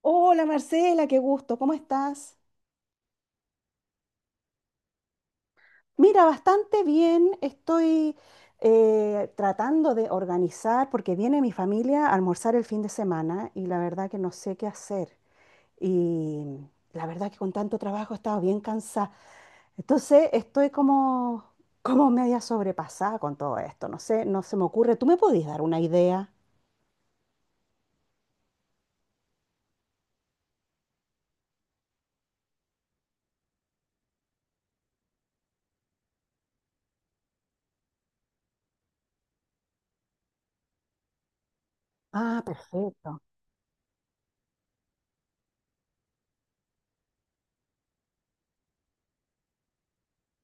Hola Marcela, qué gusto, ¿cómo estás? Mira, bastante bien, estoy tratando de organizar porque viene mi familia a almorzar el fin de semana y la verdad que no sé qué hacer. Y la verdad que con tanto trabajo he estado bien cansada. Entonces estoy como media sobrepasada con todo esto, no sé, no se me ocurre. ¿Tú me podías dar una idea? Ah, perfecto.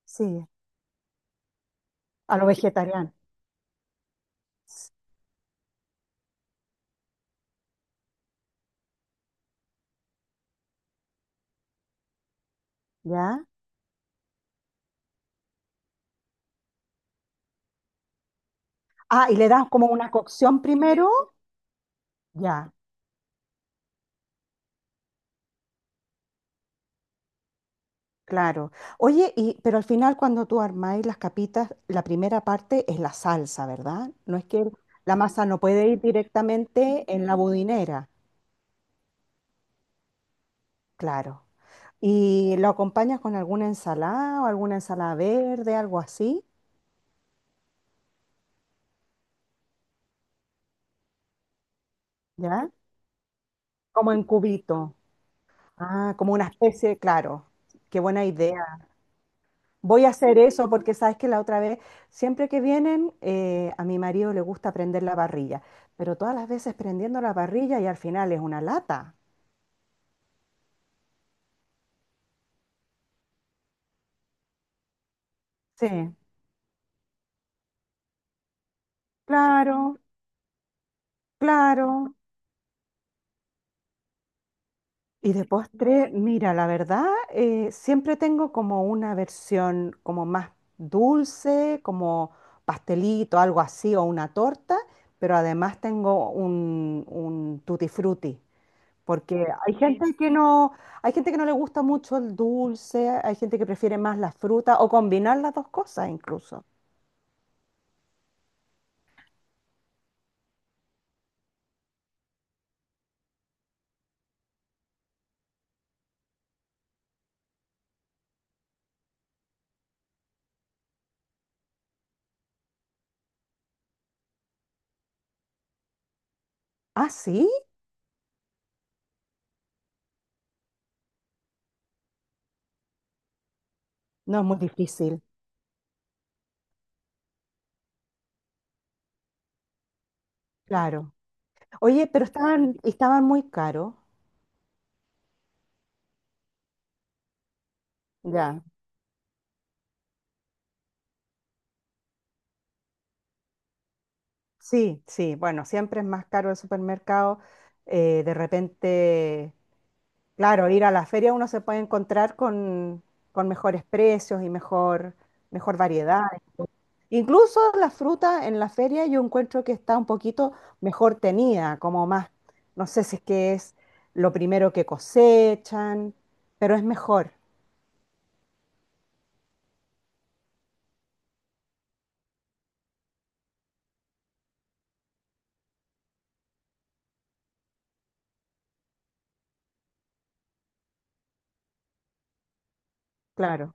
Sí, a lo vegetariano. ¿Ya? Ah, y le das como una cocción primero. Ya. Claro. Oye, y pero al final cuando tú armáis las capitas, la primera parte es la salsa, ¿verdad? No es que el- La masa no puede ir directamente en la budinera, claro. ¿Y lo acompañas con alguna ensalada o alguna ensalada verde, algo así? ¿Ya? Como en cubito. Ah, como una especie, claro. Qué buena idea. Voy a hacer eso porque sabes que la otra vez, siempre que vienen, a mi marido le gusta prender la parrilla, pero todas las veces prendiendo la parrilla y al final es una lata. Sí, claro, claro. Y de postre, mira, la verdad, siempre tengo como una versión como más dulce, como pastelito, algo así, o una torta, pero además tengo un tutti frutti. Porque hay sí, gente que no, hay gente que no le gusta mucho el dulce, hay gente que prefiere más la fruta o combinar las dos cosas incluso. Ah, sí, no es muy difícil, claro. Oye, pero estaban muy caros. Ya. Sí, sí, bueno, siempre es más caro el supermercado. De repente, claro, ir a la feria uno se puede encontrar con mejores precios y mejor variedad. Incluso la fruta en la feria yo encuentro que está un poquito mejor tenida, como más, no sé si es que es lo primero que cosechan, pero es mejor, claro.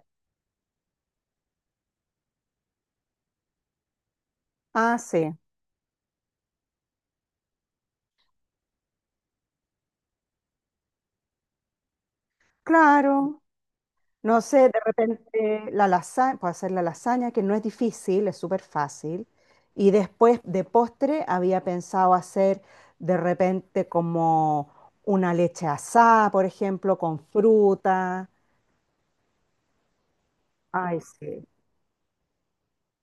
Ah, sí, claro. No sé, de repente la lasaña, puedo hacer la lasaña, que no es difícil, es súper fácil. Y después de postre había pensado hacer de repente como una leche asada, por ejemplo, con fruta. Ay, sí.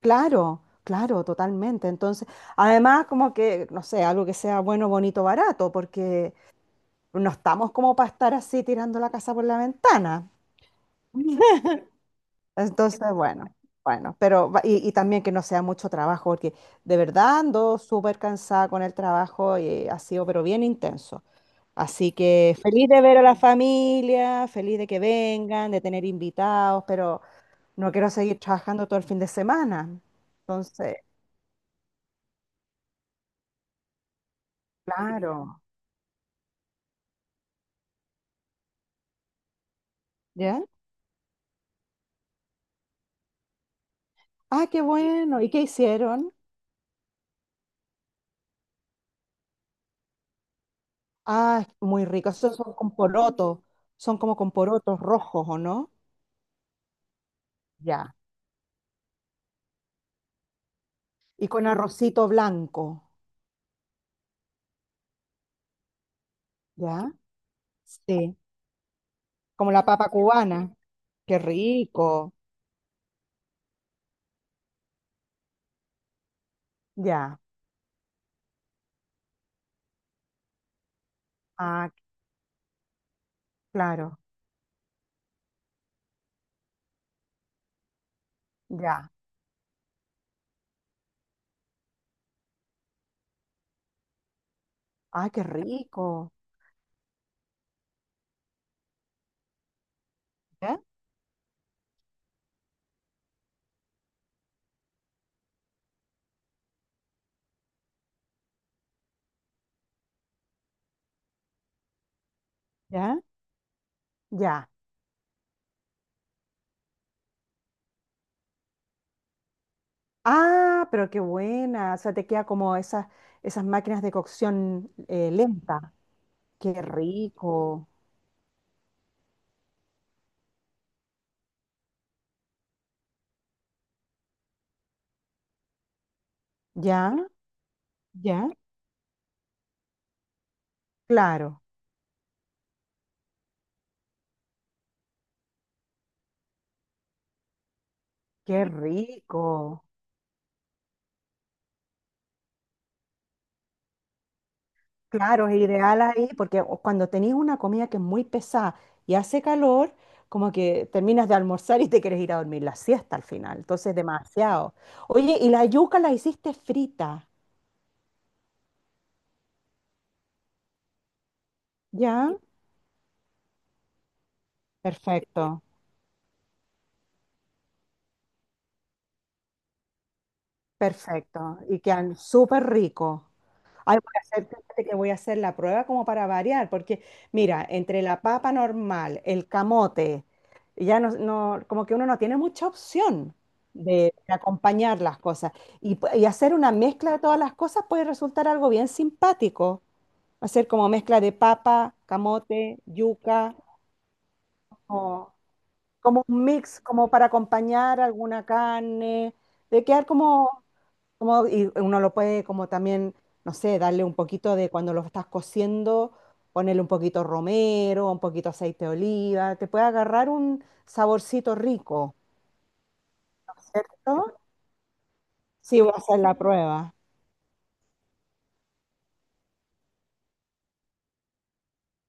Claro, claro, totalmente. Entonces, además, como que, no sé, algo que sea bueno, bonito, barato, porque no estamos como para estar así tirando la casa por la ventana. Entonces, bueno, bueno, pero y también que no sea mucho trabajo, porque de verdad ando súper cansada con el trabajo y ha sido, pero bien intenso. Así que feliz de ver a la familia, feliz de que vengan, de tener invitados, pero no quiero seguir trabajando todo el fin de semana. Entonces, claro. ¿Ya? Ah, qué bueno. ¿Y qué hicieron? Ah, muy rico. Esos son con porotos. Son como con porotos rojos, ¿o no? Ya. Y con arrocito blanco. ¿Ya? Sí. Como la papa cubana. Qué rico. Ya. Ah, claro. Ya. Ah, qué rico. ¿Ya? ¿Ya? Ya. Ah, pero qué buena. O sea, te queda como esas, esas máquinas de cocción lenta. Qué rico. ¿Ya? ¿Ya? Claro. Qué rico. Claro, es ideal ahí porque cuando tenéis una comida que es muy pesada y hace calor, como que terminas de almorzar y te quieres ir a dormir la siesta al final. Entonces, demasiado. Oye, ¿y la yuca la hiciste frita? ¿Ya? Perfecto, perfecto. Y quedan súper ricos. Ay, voy a hacer, fíjate que voy a hacer la prueba como para variar, porque mira, entre la papa normal, el camote, ya como que uno no tiene mucha opción de acompañar las cosas. Y hacer una mezcla de todas las cosas puede resultar algo bien simpático. Hacer como mezcla de papa, camote, yuca, o como un mix, como para acompañar alguna carne, de quedar como como, y uno lo puede como también, no sé, darle un poquito de cuando lo estás cociendo, ponerle un poquito romero, un poquito aceite de oliva, te puede agarrar un saborcito rico, ¿no es cierto? Sí, voy a hacer la prueba.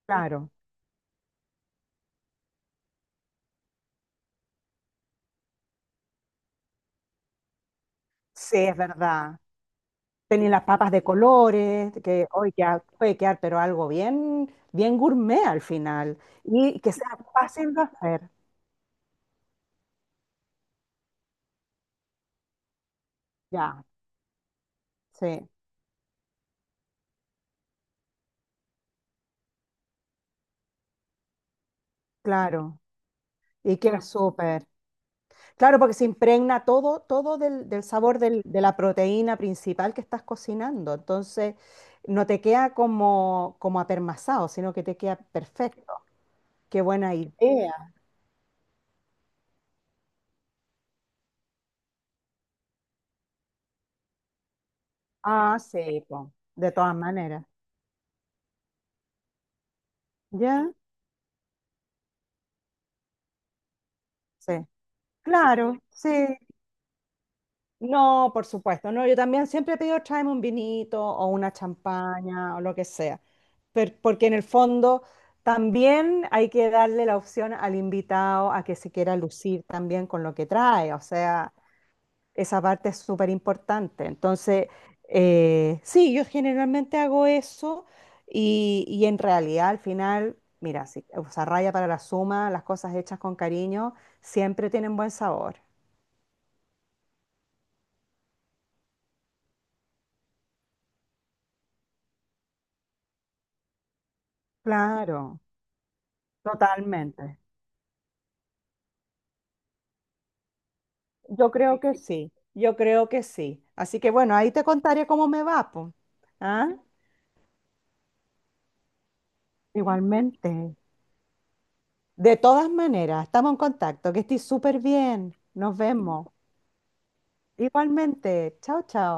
Claro, sí, es verdad. Tenía las papas de colores, que hoy ya puede quedar, pero algo bien, bien gourmet al final. Y que sea fácil de hacer. Ya, sí, claro. Y queda súper. Claro, porque se impregna todo, todo del, del sabor de la proteína principal que estás cocinando. Entonces, no te queda como, como apermazado, sino que te queda perfecto. Qué buena idea. Ah, sí, po, de todas maneras. ¿Ya? Sí. Claro, sí, no, por supuesto, no, yo también siempre pido tráeme un vinito o una champaña o lo que sea, porque en el fondo también hay que darle la opción al invitado a que se quiera lucir también con lo que trae, o sea, esa parte es súper importante. Entonces, sí, yo generalmente hago eso y en realidad al final, mira, sí, o sea, raya para la suma, las cosas hechas con cariño siempre tienen buen sabor. Claro, totalmente. Yo creo que sí, yo creo que sí. Así que bueno, ahí te contaré cómo me va, pues. ¿Ah? Igualmente. De todas maneras, estamos en contacto, que estoy súper bien. Nos vemos. Igualmente. Chao, chao.